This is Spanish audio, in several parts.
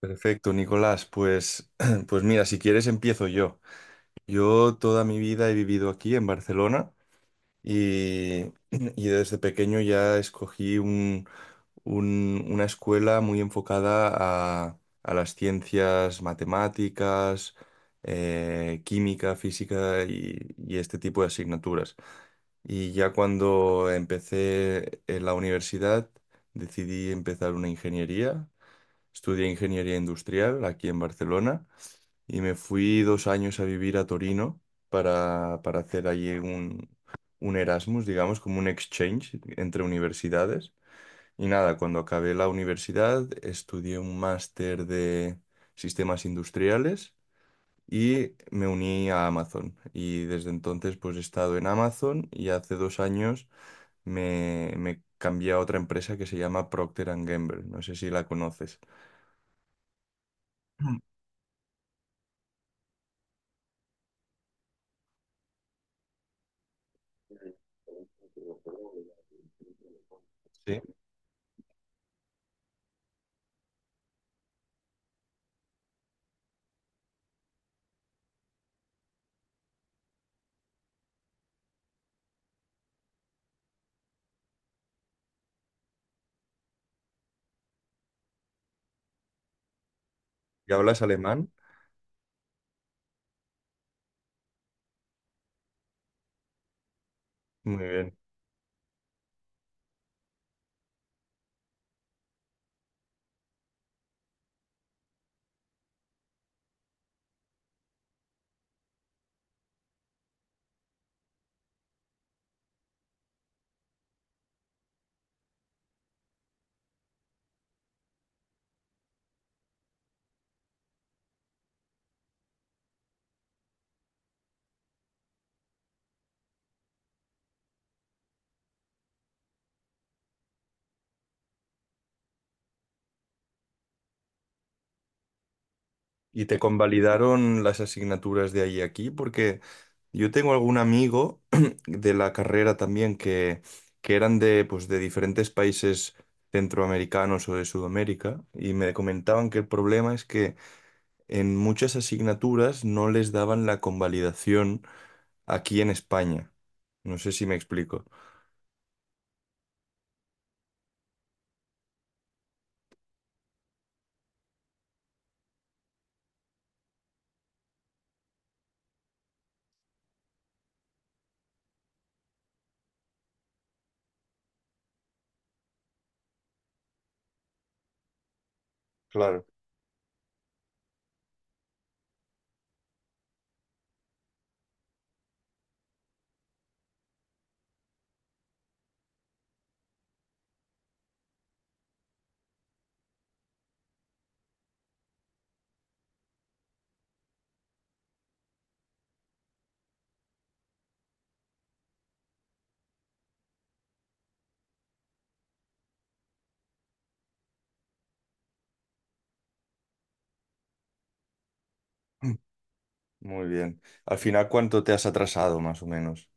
Perfecto, Nicolás. Pues mira, si quieres empiezo yo. Yo toda mi vida he vivido aquí en Barcelona y desde pequeño ya escogí una escuela muy enfocada a las ciencias matemáticas, química, física y este tipo de asignaturas. Y ya cuando empecé en la universidad decidí empezar una ingeniería. Estudié ingeniería industrial aquí en Barcelona y me fui dos años a vivir a Torino para hacer allí un Erasmus, digamos, como un exchange entre universidades. Y nada, cuando acabé la universidad estudié un máster de sistemas industriales y me uní a Amazon. Y desde entonces pues he estado en Amazon y hace dos años me cambié a otra empresa que se llama Procter and Gamble. No sé si la conoces. Sí. ¿Y hablas alemán? Muy bien. ¿Y te convalidaron las asignaturas de ahí a aquí? Porque yo tengo algún amigo de la carrera también que eran de, pues, de diferentes países centroamericanos o de Sudamérica y me comentaban que el problema es que en muchas asignaturas no les daban la convalidación aquí en España. No sé si me explico. Claro. Muy bien. Al final, ¿cuánto te has atrasado más o menos?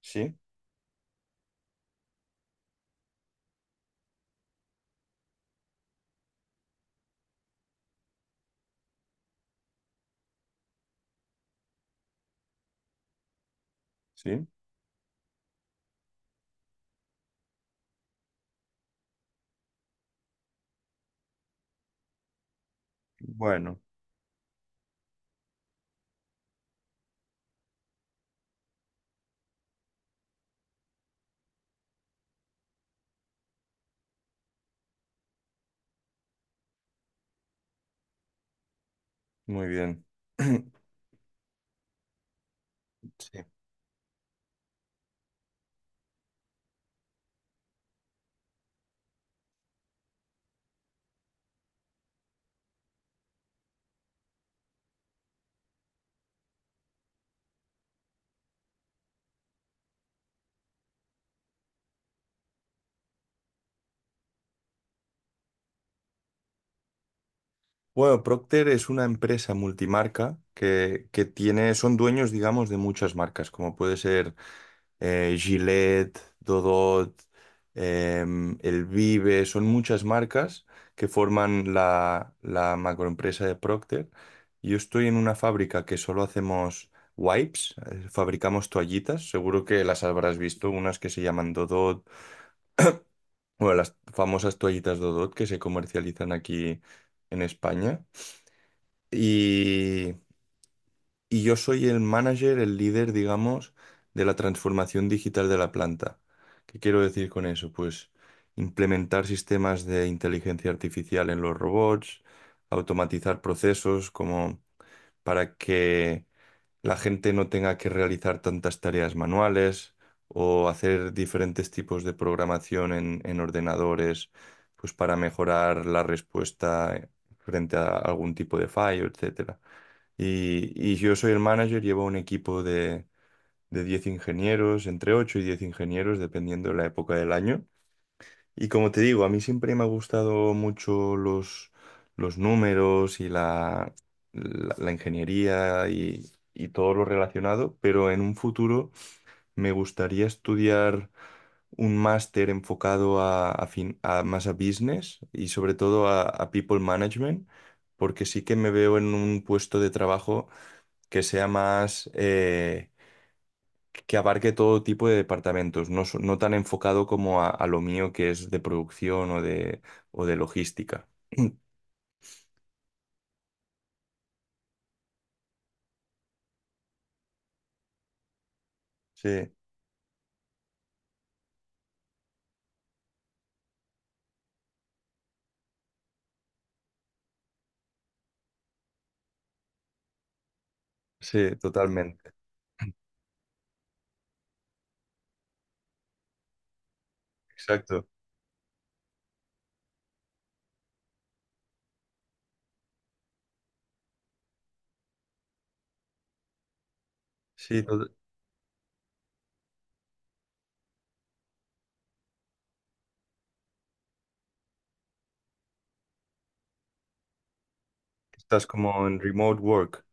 ¿Sí? ¿Sí? Bueno. Muy bien. Sí. Bueno, Procter es una empresa multimarca que tiene, son dueños, digamos, de muchas marcas, como puede ser Gillette, Dodot, El Vive, son muchas marcas que forman la, la macroempresa de Procter. Yo estoy en una fábrica que solo hacemos wipes, fabricamos toallitas, seguro que las habrás visto, unas que se llaman Dodot, bueno, las famosas toallitas Dodot que se comercializan aquí en España. Y, y yo soy el manager, el líder, digamos, de la transformación digital de la planta. ¿Qué quiero decir con eso? Pues implementar sistemas de inteligencia artificial en los robots, automatizar procesos como para que la gente no tenga que realizar tantas tareas manuales o hacer diferentes tipos de programación en ordenadores, pues para mejorar la respuesta frente a algún tipo de fallo, etcétera. Y yo soy el manager, llevo un equipo de 10 ingenieros, entre 8 y 10 ingenieros, dependiendo de la época del año. Y como te digo, a mí siempre me ha gustado mucho los números y la ingeniería y todo lo relacionado, pero en un futuro me gustaría estudiar un máster enfocado a más a business y sobre todo a people management, porque sí que me veo en un puesto de trabajo que sea más... que abarque todo tipo de departamentos, no, no tan enfocado como a lo mío que es de producción o de logística. Sí, sí, totalmente. Exacto. Sí, estás como en remote work.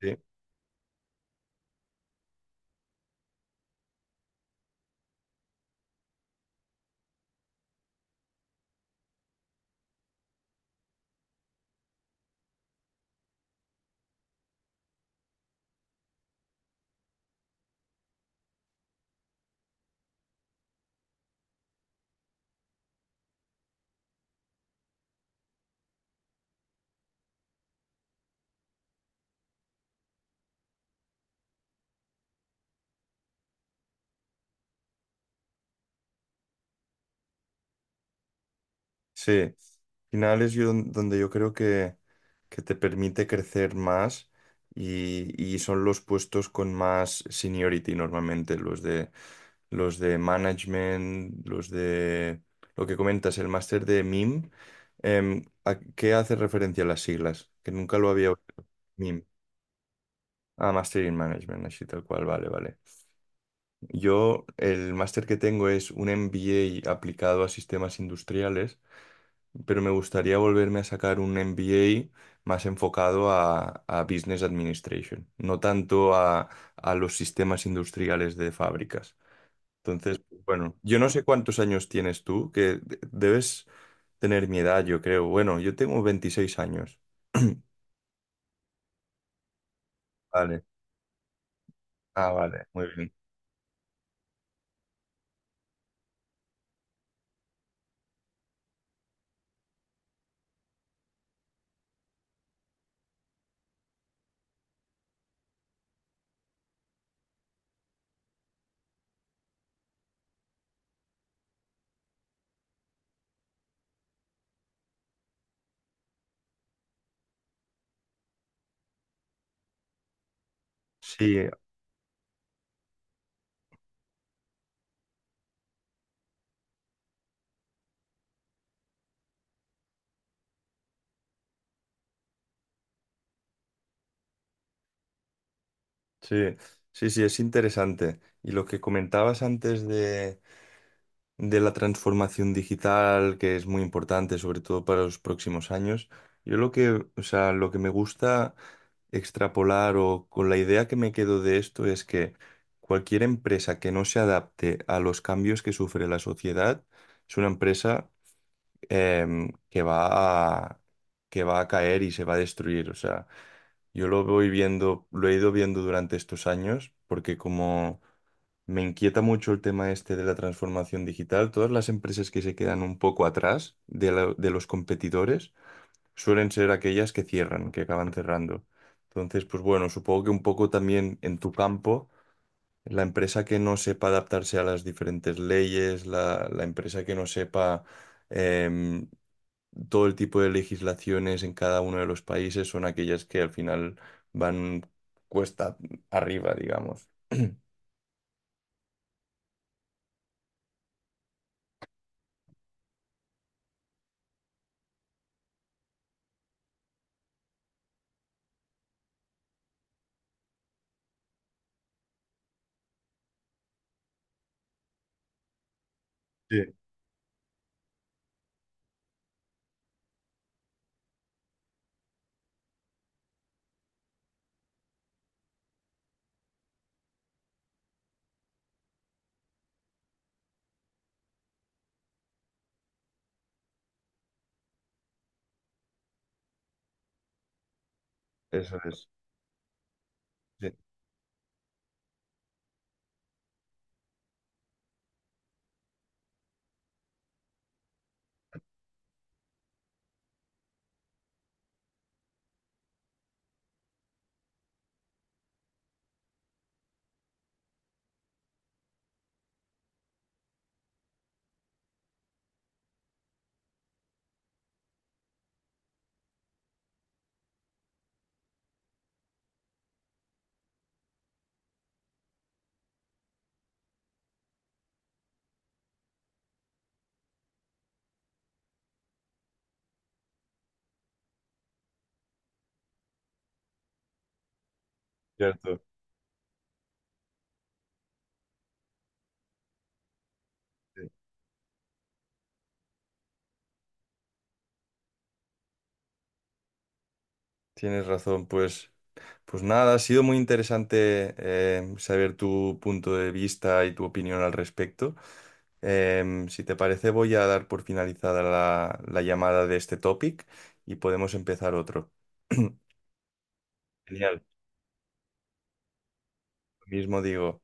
Sí. Sí, al final es yo donde yo creo que te permite crecer más y son los puestos con más seniority normalmente, los de management, los de lo que comentas, el máster de MIM. Em, ¿a qué hace referencia las siglas? Que nunca lo había oído. MIM. Ah, Master in Management, así tal cual, vale, vale. Yo el máster que tengo es un MBA aplicado a sistemas industriales, pero me gustaría volverme a sacar un MBA más enfocado a Business Administration, no tanto a los sistemas industriales de fábricas. Entonces, bueno, yo no sé cuántos años tienes tú, que debes tener mi edad, yo creo. Bueno, yo tengo 26 años. Vale. Ah, vale, muy bien. Sí, sí, sí, sí, es interesante. Y lo que comentabas antes de la transformación digital, que es muy importante, sobre todo para los próximos años. Yo lo que, o sea, lo que me gusta extrapolar o con la idea que me quedo de esto es que cualquier empresa que no se adapte a los cambios que sufre la sociedad es una empresa que va que va a caer y se va a destruir. O sea, yo lo voy viendo, lo he ido viendo durante estos años, porque como me inquieta mucho el tema este de la transformación digital, todas las empresas que se quedan un poco atrás de los competidores suelen ser aquellas que cierran, que acaban cerrando. Entonces, pues bueno, supongo que un poco también en tu campo. La empresa que no sepa adaptarse a las diferentes leyes, la empresa que no sepa em, todo el tipo de legislaciones en cada uno de los países son aquellas que al final van cuesta arriba, digamos. Sí, eso es, sí, cierto. Sí. Tienes razón, pues, pues nada, ha sido muy interesante saber tu punto de vista y tu opinión al respecto. Em, si te parece, voy a dar por finalizada la, la llamada de este topic y podemos empezar otro. Genial, lo mismo digo.